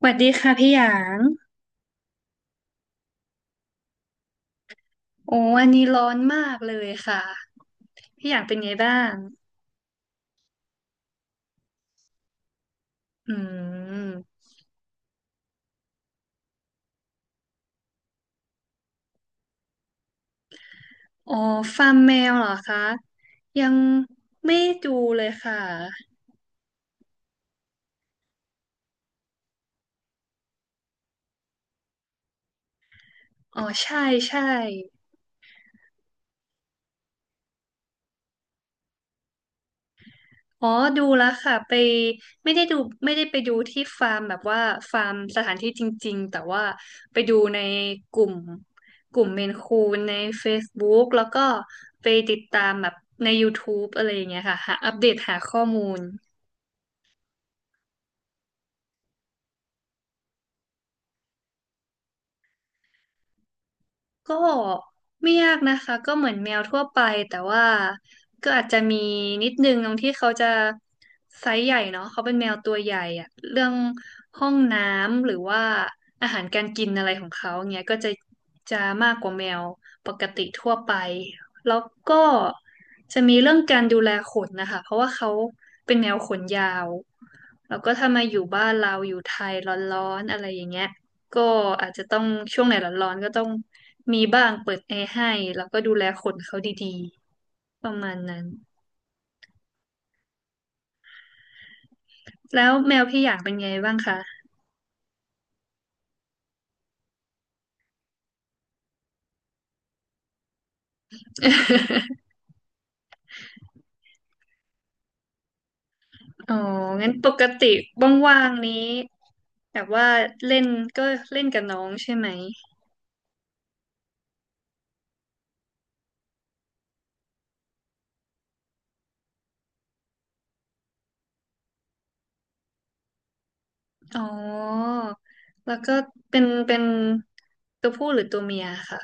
สวัสดีค่ะพี่หยาง โอ้วันนี้ร้อนมากเลยค่ะ พี่หยางเป็นไงบ้างอืมอ๋อฟาร์มแมวเหรอคะ ยังไม่ดูเลยค่ะ อ๋อใช่ใช่อ๋อดูแล้วค่ะไปไม่ได้ดูไม่ได้ไปดูที่ฟาร์มแบบว่าฟาร์มสถานที่จริงๆแต่ว่าไปดูในกลุ่มกลุ่มเมนคูนใน Facebook แล้วก็ไปติดตามแบบใน YouTube อะไรอย่างเงี้ยค่ะหาอัปเดตหาข้อมูล ก็ไม่ยากนะคะก็เหมือนแมวทั่วไปแต่ว่าก็อาจจะมีนิดนึงตรงที่เขาจะไซส์ใหญ่เนาะเขาเป็นแมวตัวใหญ่อะเรื่องห้องน้ำหรือว่าอาหารการกินอะไรของเขาเงี้ยก็จะมากกว่าแมวปกติทั่วไปแล้วก็จะมีเรื่องการดูแลขนนะคะเพราะว่าเขาเป็นแมวขนยาวแล้วก็ถ้ามาอยู่บ้านเราอยู่ไทยร้อนๆอะไรอย่างเงี้ย ก็อาจจะต้องช่วงไหนร้อนๆก็ต้องมีบ้างเปิดแอร์ให้แล้วก็ดูแลขนเขาดีๆประมาณนั้นแล้วแมวพี่อย่างเป็นไงบ้างคะ อ๋องั้นปกติว่างๆนี้แบบว่าเล่นก็เล่นกับน้องใช่ไหมอ๋อแล้วก็เป็นตัวผู้หรือตัวเมียค่ะ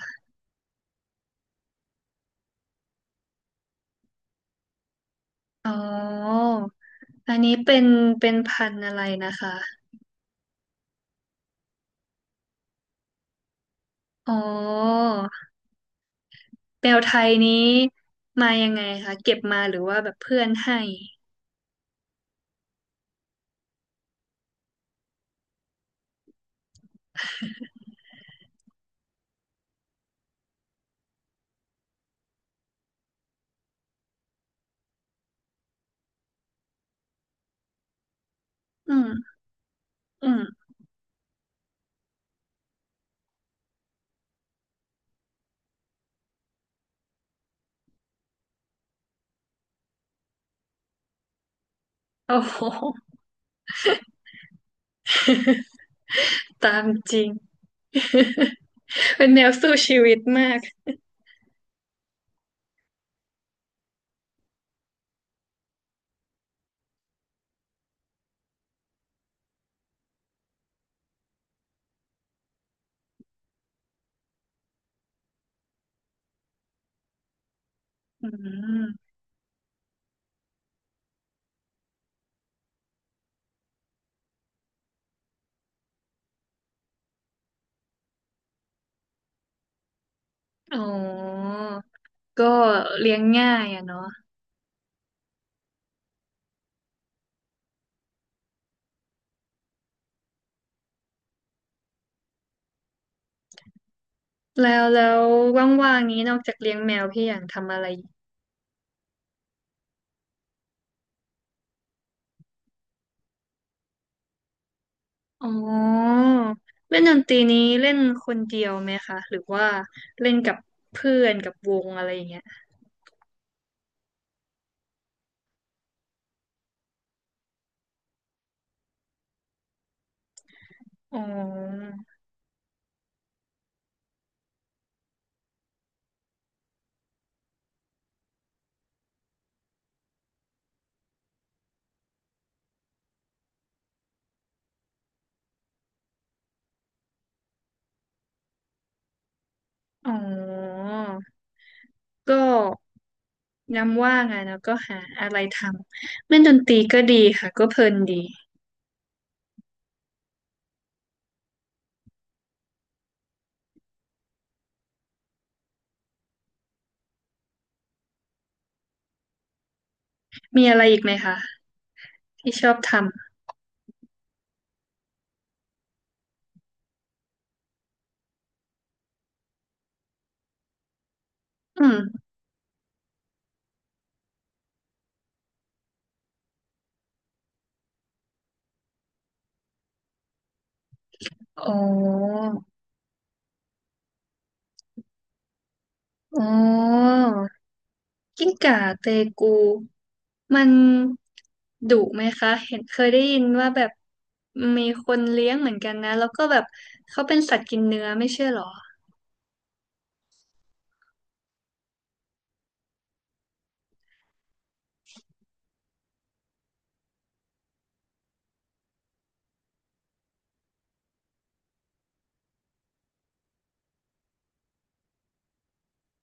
อ๋ออันนี้เป็นเป็นพันธุ์อะไรนะคะอ๋อ แมวไทยนี้มายังไงคะ เก็บมาหรือว่าแบบเพื่อนให้อืมอืมโอ้โหตามจริง เป็นแมวสู้ชีวิตมากอืมอ๋อก็เลี้ยงง่ายอะเนาะแล้วว่างๆนี้นอกจากเลี้ยงแมวพี่อย่างทำอะไรอีกอ๋อเล่นดนตรีนี้เล่นคนเดียวไหมคะ หรือว่าเล่นกับเพื่อนกับวงอะไรอย่างเงี้ยอ๋ออ๋อ ก็ย้ำว่างอะแล้วก็หาอะไรทำเล่นดนตรีก็ดีค่ะก็เพลินดีมีอะไรอีกไหมคะที่ชอบทำอืมอ๋ออ๋อกิ้งก่าเตกูมันดุไหมคะเห็นเคยได้ยินว่าแบบมีคนเลี้ยงเหมือนกันนะแล้วก็แบบเขาเป็นสัตว์กินเนื้อไม่ใช่เหรอ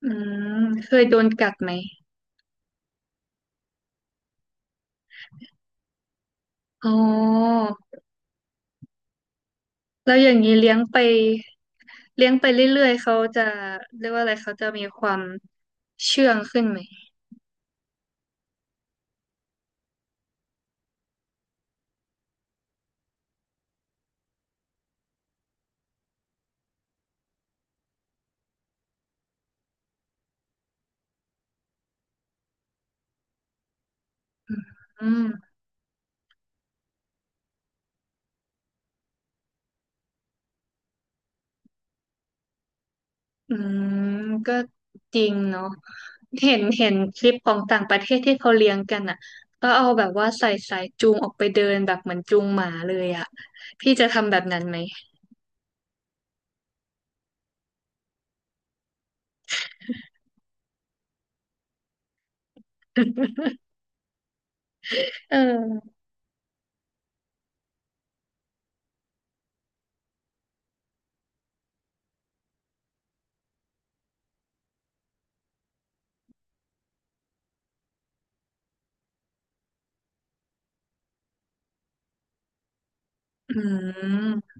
อืมเคยโดนกัดไหมอ๋อแล้วอย่างนี้เลี้ยงไป เลี้ยงไปเรื่อยๆเขาจะเรียกว่าอะไรเขาจะมีความเชื่องขึ้นไหม อืม อืม ก็จริงเนาะเห็นคลิปของต่างประเทศที่เขาเลี้ยงกันอ่ะก็เอาแบบว่าใส่สายจูงออกไปเดินแบบเหมือนจูงหมาเลยอ่ะพี่จะทำแบบนั้นไหม เอออืม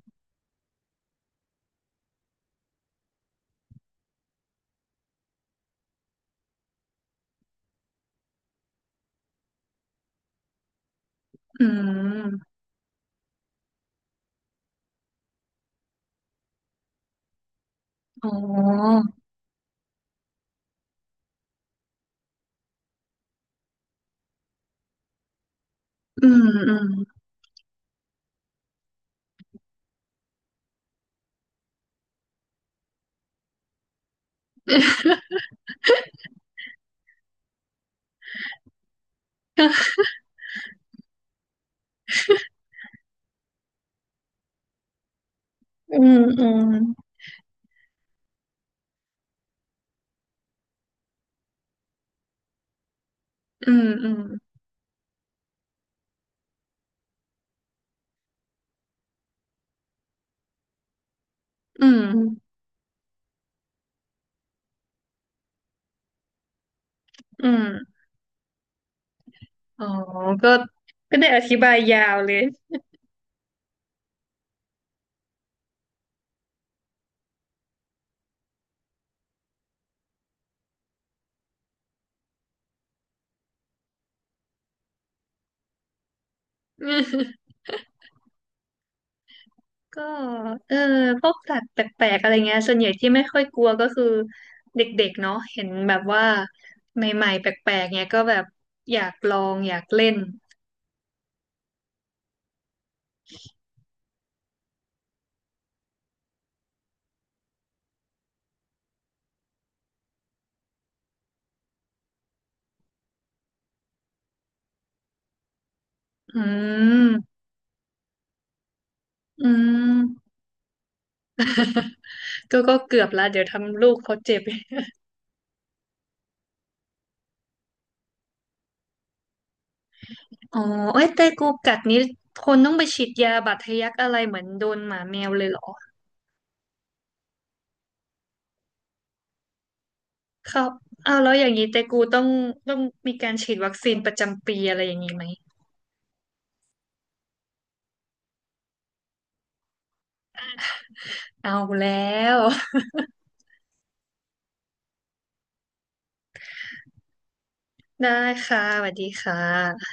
อืมอ๋ออืมอืมอืมอืมอืมอืมอืมอืมอ๋อก็ก็ได้อธิบายยาวเลย ก็เออพวกสัตว์แปลกๆอะไรเงี้ยส่วนใหญ่ที่ไม่ค่อยกลัวก็คือเด็กๆเนาะเห็นแบบว่าใหม่ๆแปลกๆเนี้ยก็แบบอยากลองอยากเล่นอืมอืมก็ก็เกือบละเดี๋ยวทำลูกเขาเจ็บ อ๋อเอ้ยแต่กูกัดนี้คนต้องไปฉีดยาบาดทะยักอะไรเหมือนโดนหมาแมวเลยเหรอครับเอาวแล้วอย่างนี้แต่กูต้องต้องมีการฉีดวัคซีนประจำปีอะไรอย่างนี้ไหมเอาแล้ว ได้ค่ะสวัสดีค่ะ